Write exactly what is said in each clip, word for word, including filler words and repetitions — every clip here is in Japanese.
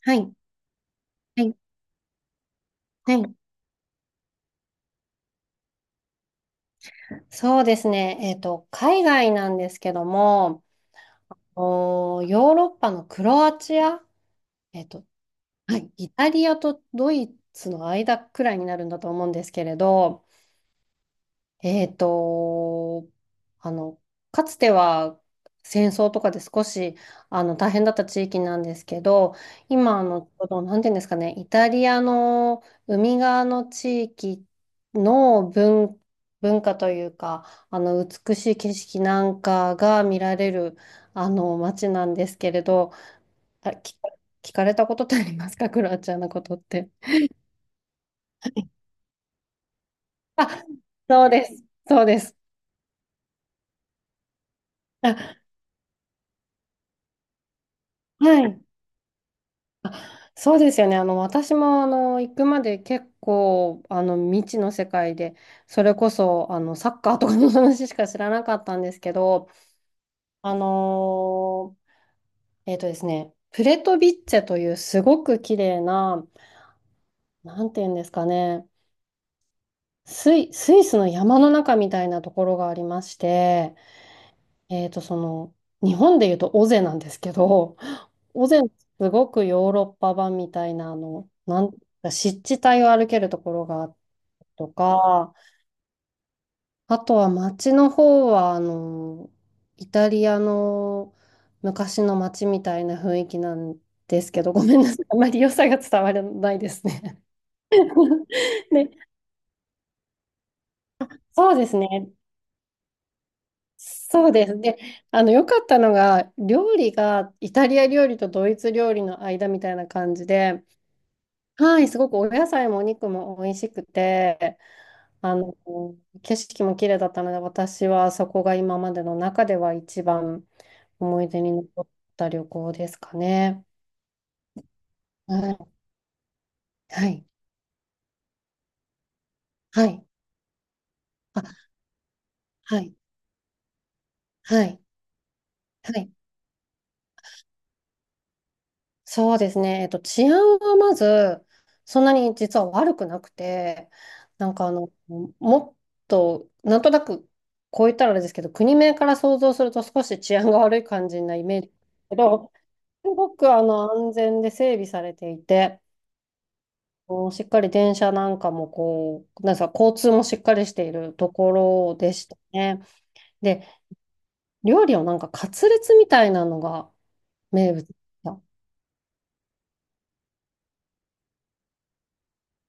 はい、はい、はい。そうですね。えっと、海外なんですけども、おー、ヨーロッパのクロアチア、えっと、はい。イタリアとドイツの間くらいになるんだと思うんですけれど、えっと、あの、かつては戦争とかで少しあの大変だった地域なんですけど、今、あの、ちょうど、なんていうんですかね、イタリアの海側の地域の文、文化というか、あの、美しい景色なんかが見られる、あの、街なんですけれど、あ、聞か、聞かれたことってありますか、クロアチアのことって？あ、そうです。そうです。あ、はい。そうですよね。あの、私も、あの、行くまで結構、あの、未知の世界で、それこそ、あの、サッカーとかの話しか知らなかったんですけど、あのーえっとですね、プレトビッチェというすごく綺麗な、なんていうんですかね、スイ、スイスの山の中みたいなところがありまして、えっと、その、日本でいうと尾瀬なんですけど、尾瀬のすごくヨーロッパ版みたいな、あの、なん湿地帯を歩けるところがあっとか、あとは街の方は、あの、イタリアの昔の街みたいな雰囲気なんですけど、ごめんなさい。あまり良さが伝わらないですね。で、そうですね。そうです。で、あの、良かったのが、料理がイタリア料理とドイツ料理の間みたいな感じで、はい、すごくお野菜もお肉も美味しくて、あの、景色も綺麗だったので、私はそこが今までの中では一番思い出に残った旅行ですかね。はい。はい。はい。あ、はい。はい。はい。そうですね。えっと、治安はまず、そんなに実は悪くなくて、なんかあの、もっと、なんとなく、こう言ったらあれですけど、国名から想像すると少し治安が悪い感じなイメージですけど、すごくあの安全で整備されていて、うんしっかり電車なんかもこう、なんですか、交通もしっかりしているところでしたね。で、料理はなんかカツレツみたいなのが名物でし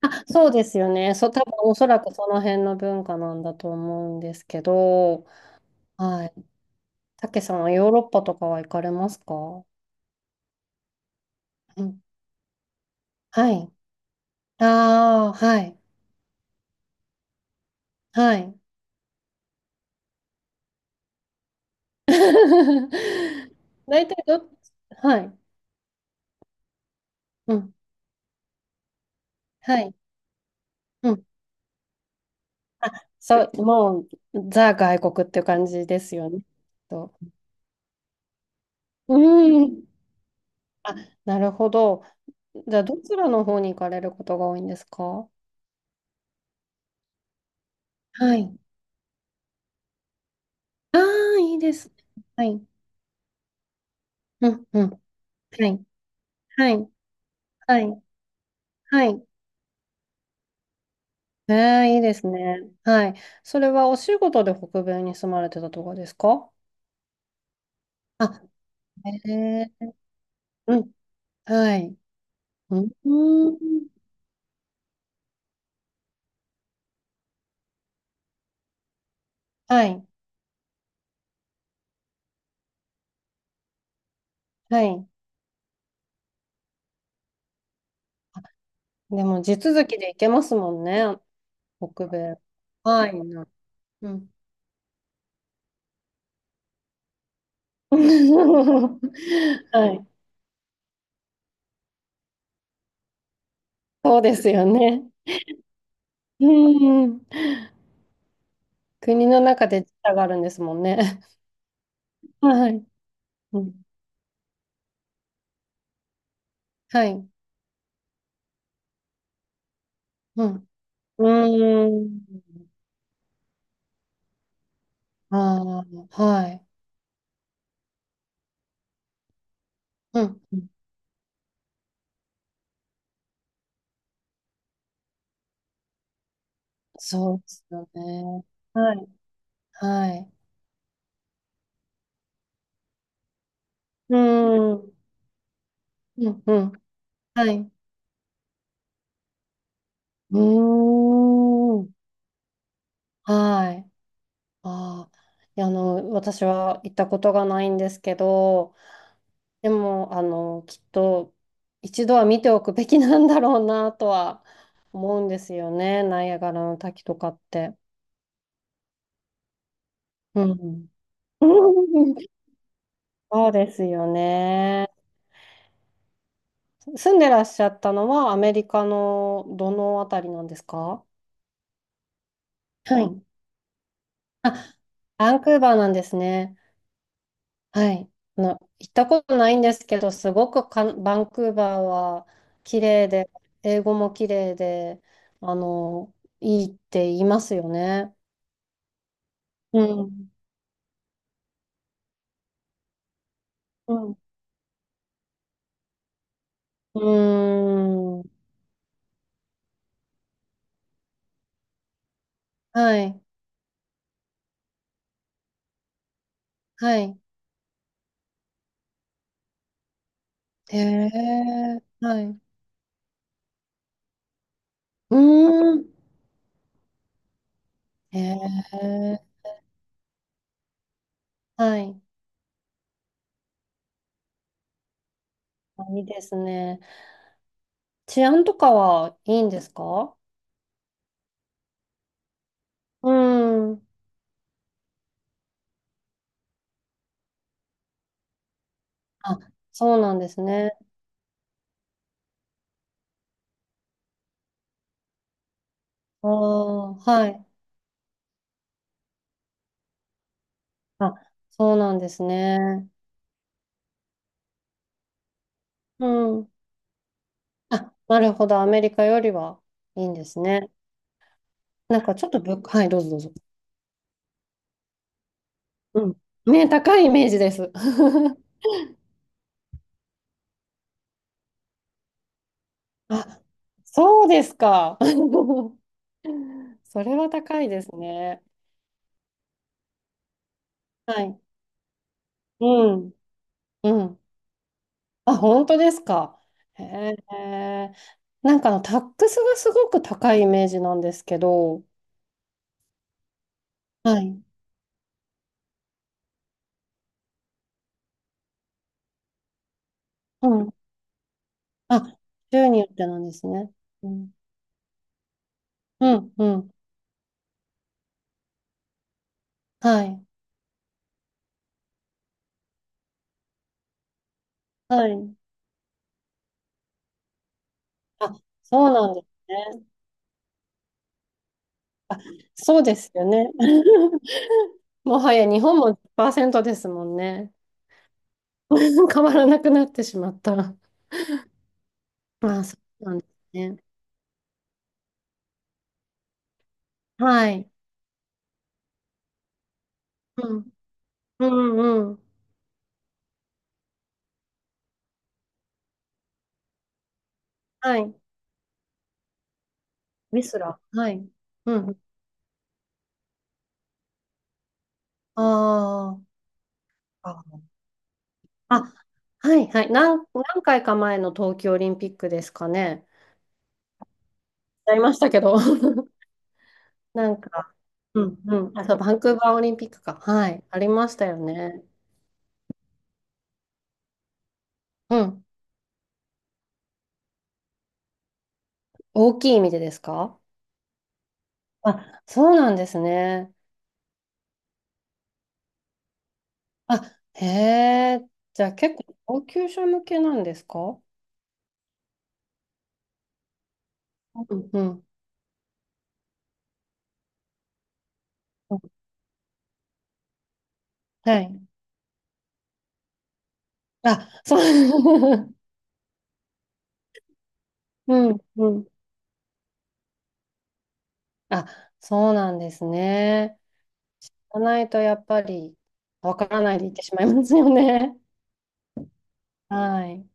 たそうですよね。そう、多分おそらくその辺の文化なんだと思うんですけど、はい。たけさんはヨーロッパとかは行かれますか？うん。はい。ああ、はい。はい。大体どっち、はい。うん。はい。うん。あ、そう、もう、ザ外国っていう感じですよね。と、うん。あ、なるほど。じゃあ、どちらの方に行かれることが多いんですか？はい。ああ、いいですね。はい。うん、うん。はい。はい。はい。はい。ええ、いいですね。はい。それはお仕事で北米に住まれてたとかですか？あ、ええ、うん。はい。うん。うん、はい。はい。でも、地続きで行けますもんね。北米。はい。うん。はい。そうですよね。うん。国の中で時差があるんですもんね。はい。うん。はい。うん。うーん。ああ、はい。うん。うん、そうですよね。はい。はい。うーん。うん。うん。はい。うーん。はい。ああ。いやあの、私は行ったことがないんですけど、でも、あの、きっと一度は見ておくべきなんだろうなとは思うんですよね、ナイアガラの滝とかって。うん。うん、そうですよね。住んでらっしゃったのはアメリカのどのあたりなんですか？はい。あ、バンクーバーなんですね。はい。あの、行ったことないんですけど、すごくかん、バンクーバーは綺麗で、英語も綺麗で、あの、いいって言いますよね。うん。うん。うーん。はい。はい。へえ。はい。うーん。へえ。はい。あ、いいですね。治安とかはいいんですか？うん。あ、そうなんですね。ああ、はい。あ、そうなんですね。うん。あ、なるほど。アメリカよりはいいんですね。なんかちょっと物価、はい、どうぞどうぞ。うん。ね、高いイメージです。あ、そうですか。それは高いですね。はい。うん。うん。あ、本当ですか。へえ。なんかあの、タックスがすごく高いイメージなんですけど。はい。うん。あ、州によってなんですね。うん。うん。うん。はい。はい。あ、そうなんですね。そうですよね。もはや日本もじゅっパーセントですもんね。変わらなくなってしまった。まあ、そうなんですね。はい。うん。うんうん。はい。ミスラ。はい。うん。ああ。あ、あ、はいはい。何、何回か前の冬季オリンピックですかね。やりましたけど。なんか、うんうん。あ、そう、バンクーバーオリンピックか。はい。ありましたよね。うん。大きい意味でですか？あ、そうなんですね。あ、へえ。じゃあ結構、高級者向けなんですか？うんうん。はい。あ、そう。うん、うん。あ、そうなんですね。じゃないとやっぱりわからないでいってしまいますよね。はい。